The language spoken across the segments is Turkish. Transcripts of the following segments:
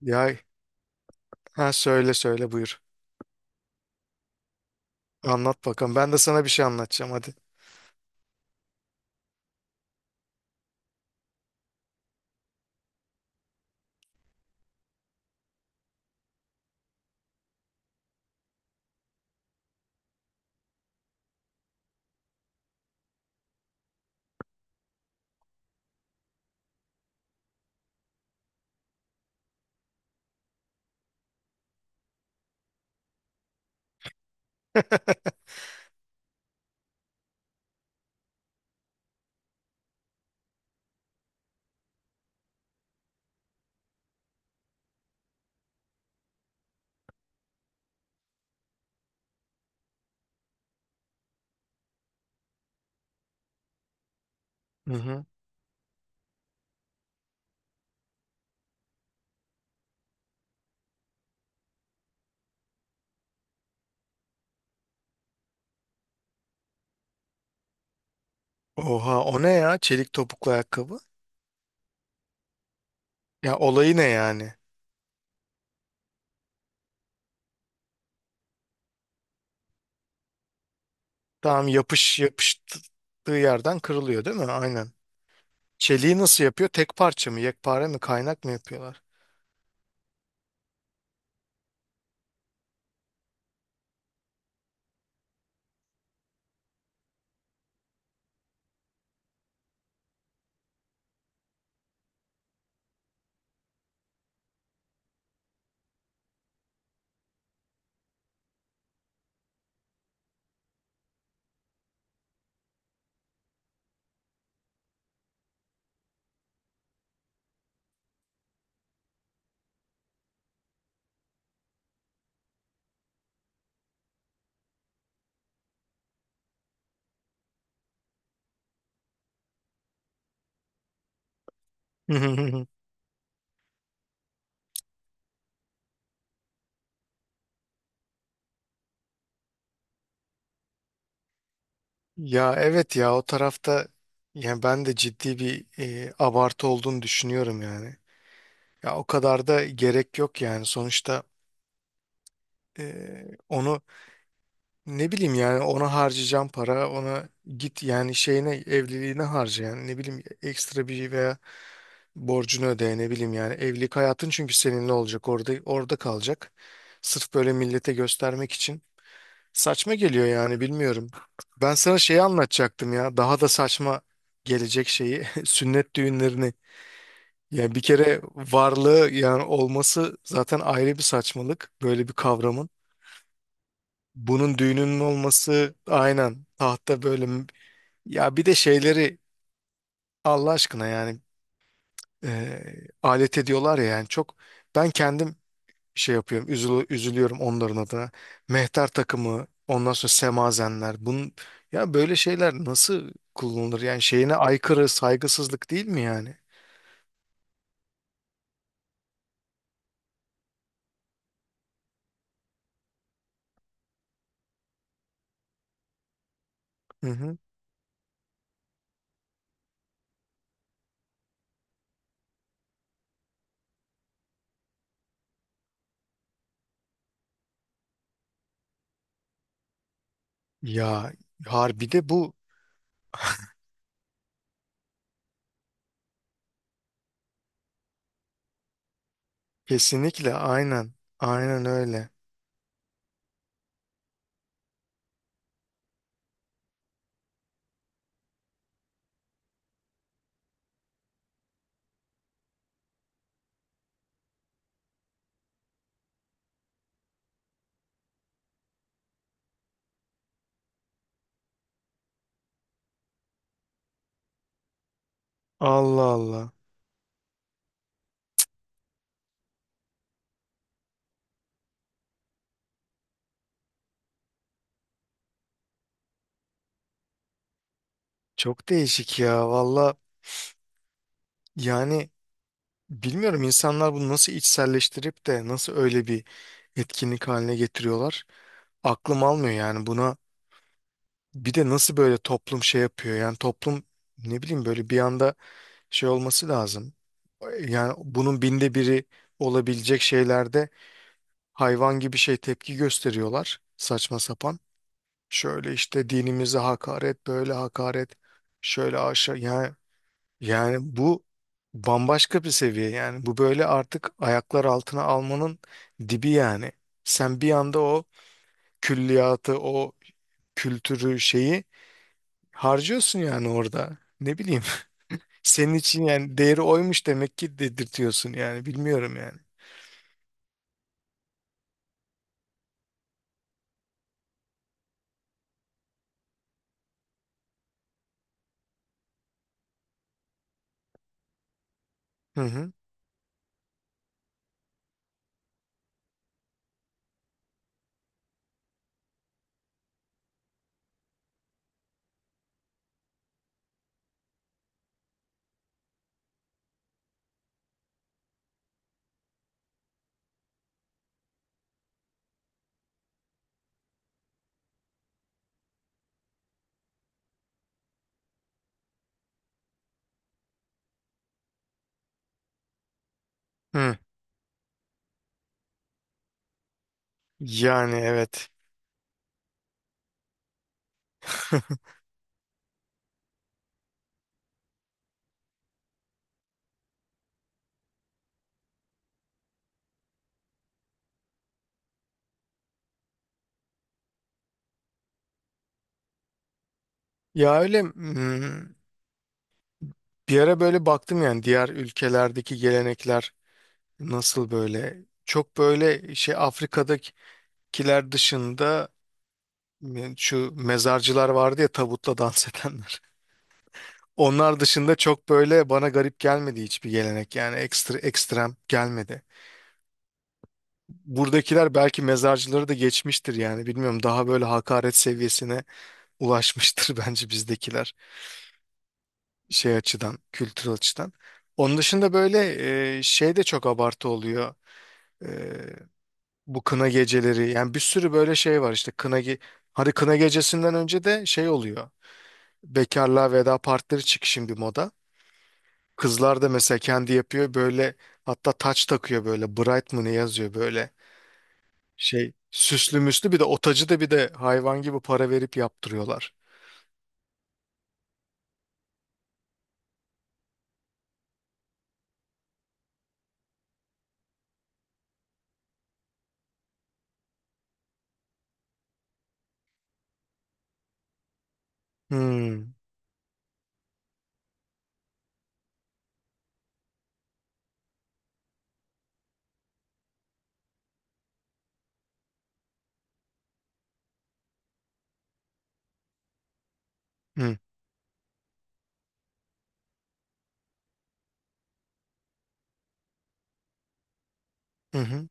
Ya, ha, söyle söyle, buyur. Anlat bakalım. Ben de sana bir şey anlatacağım, hadi. Hı hı. Oha, o ne ya? Çelik topuklu ayakkabı. Ya olayı ne yani? Tamam, yapış yapıştığı yerden kırılıyor değil mi? Aynen. Çeliği nasıl yapıyor? Tek parça mı? Yekpare mi? Kaynak mı yapıyorlar? Ya evet ya, o tarafta yani ben de ciddi bir abartı olduğunu düşünüyorum yani. Ya o kadar da gerek yok yani, sonuçta onu, ne bileyim yani, ona harcayacağım para, ona git yani, şeyine, evliliğine harca yani, ne bileyim, ekstra bir şey veya borcunu öde, ne bileyim yani, evlilik hayatın, çünkü seninle olacak, orada kalacak. Sırf böyle millete göstermek için saçma geliyor yani, bilmiyorum. Ben sana şeyi anlatacaktım ya, daha da saçma gelecek şeyi, sünnet düğünlerini. Yani bir kere varlığı, yani olması zaten ayrı bir saçmalık böyle bir kavramın. Bunun düğününün olması, aynen, tahta böyle. Ya bir de şeyleri, Allah aşkına yani, alet ediyorlar ya yani, çok ben kendim şey yapıyorum, üzülüyorum onların adına. Mehter takımı, ondan sonra semazenler, bunun, ya böyle şeyler nasıl kullanılır yani, şeyine aykırı, saygısızlık değil mi yani? Hı hı. Ya harbi de bu, kesinlikle, aynen öyle. Allah Allah, çok değişik ya, valla yani. Bilmiyorum insanlar bunu nasıl içselleştirip de nasıl öyle bir etkinlik haline getiriyorlar. Aklım almıyor yani buna. Bir de nasıl böyle toplum şey yapıyor yani, toplum, ne bileyim, böyle bir anda şey olması lazım. Yani bunun binde biri olabilecek şeylerde hayvan gibi şey tepki gösteriyorlar, saçma sapan. Şöyle işte dinimize hakaret, böyle hakaret, şöyle aşağı yani. Yani bu bambaşka bir seviye yani, bu böyle artık ayaklar altına almanın dibi yani. Sen bir anda o külliyatı, o kültürü, şeyi harcıyorsun yani orada. Ne bileyim, senin için yani değeri oymuş demek ki, dedirtiyorsun yani, bilmiyorum yani. Hı hı. Hı. Yani evet. Ya öyle, bir ara böyle baktım yani, diğer ülkelerdeki gelenekler nasıl, böyle çok böyle şey, Afrika'dakiler dışında. Şu mezarcılar vardı ya, tabutla dans edenler. Onlar dışında çok böyle bana garip gelmedi hiçbir gelenek yani, ekstra ekstrem gelmedi. Buradakiler belki mezarcıları da geçmiştir yani, bilmiyorum, daha böyle hakaret seviyesine ulaşmıştır bence bizdekiler, şey açıdan, kültürel açıdan. Onun dışında böyle, şey de çok abartı oluyor. E, bu kına geceleri yani, bir sürü böyle şey var işte, kına ge hadi, kına gecesinden önce de şey oluyor, bekarlığa veda partileri çık şimdi moda. Kızlar da mesela kendi yapıyor böyle, hatta taç takıyor böyle, bright mı ne yazıyor böyle şey, süslü müslü, bir de o tacı da bir de hayvan gibi para verip yaptırıyorlar. Hmm. Hı. Hı hı.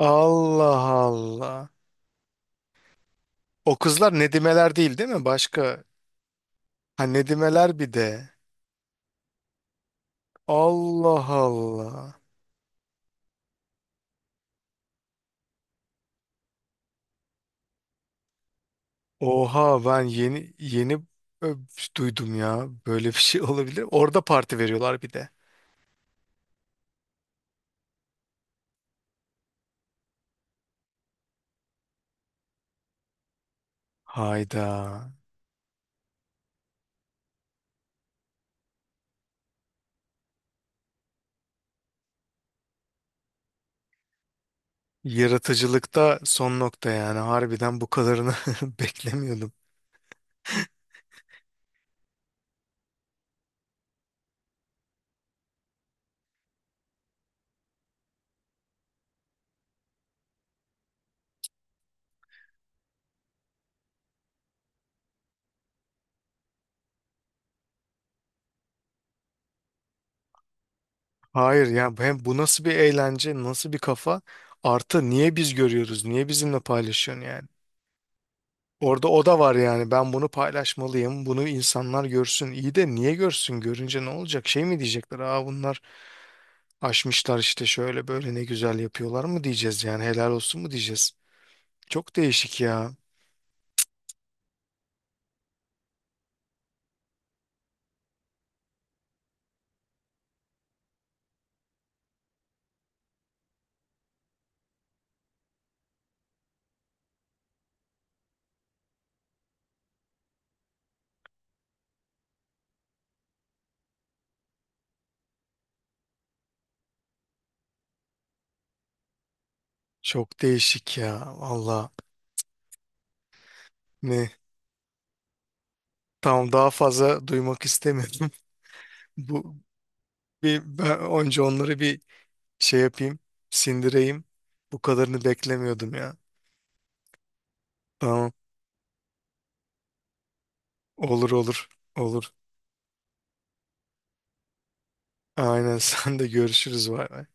Allah Allah. O kızlar nedimeler değil değil mi? Başka. Ha, nedimeler bir de. Allah Allah. Oha, ben yeni yeni, ö, duydum ya. Böyle bir şey olabilir. Orada parti veriyorlar bir de. Hayda. Yaratıcılıkta son nokta yani, harbiden bu kadarını beklemiyordum. Hayır ya, hem bu nasıl bir eğlence, nasıl bir kafa? Artı niye biz görüyoruz? Niye bizimle paylaşıyorsun yani? Orada o da var yani, ben bunu paylaşmalıyım, bunu insanlar görsün. İyi de niye görsün? Görünce ne olacak? Şey mi diyecekler? Aa, bunlar aşmışlar işte, şöyle böyle ne güzel yapıyorlar mı diyeceğiz yani, helal olsun mu diyeceğiz? Çok değişik ya. Çok değişik ya. Valla ne? Tamam, daha fazla duymak istemiyorum. Bu, bir ben önce onları bir şey yapayım, sindireyim. Bu kadarını beklemiyordum ya. Tamam. Olur olur. Olur. Aynen, sen de, görüşürüz. Vay.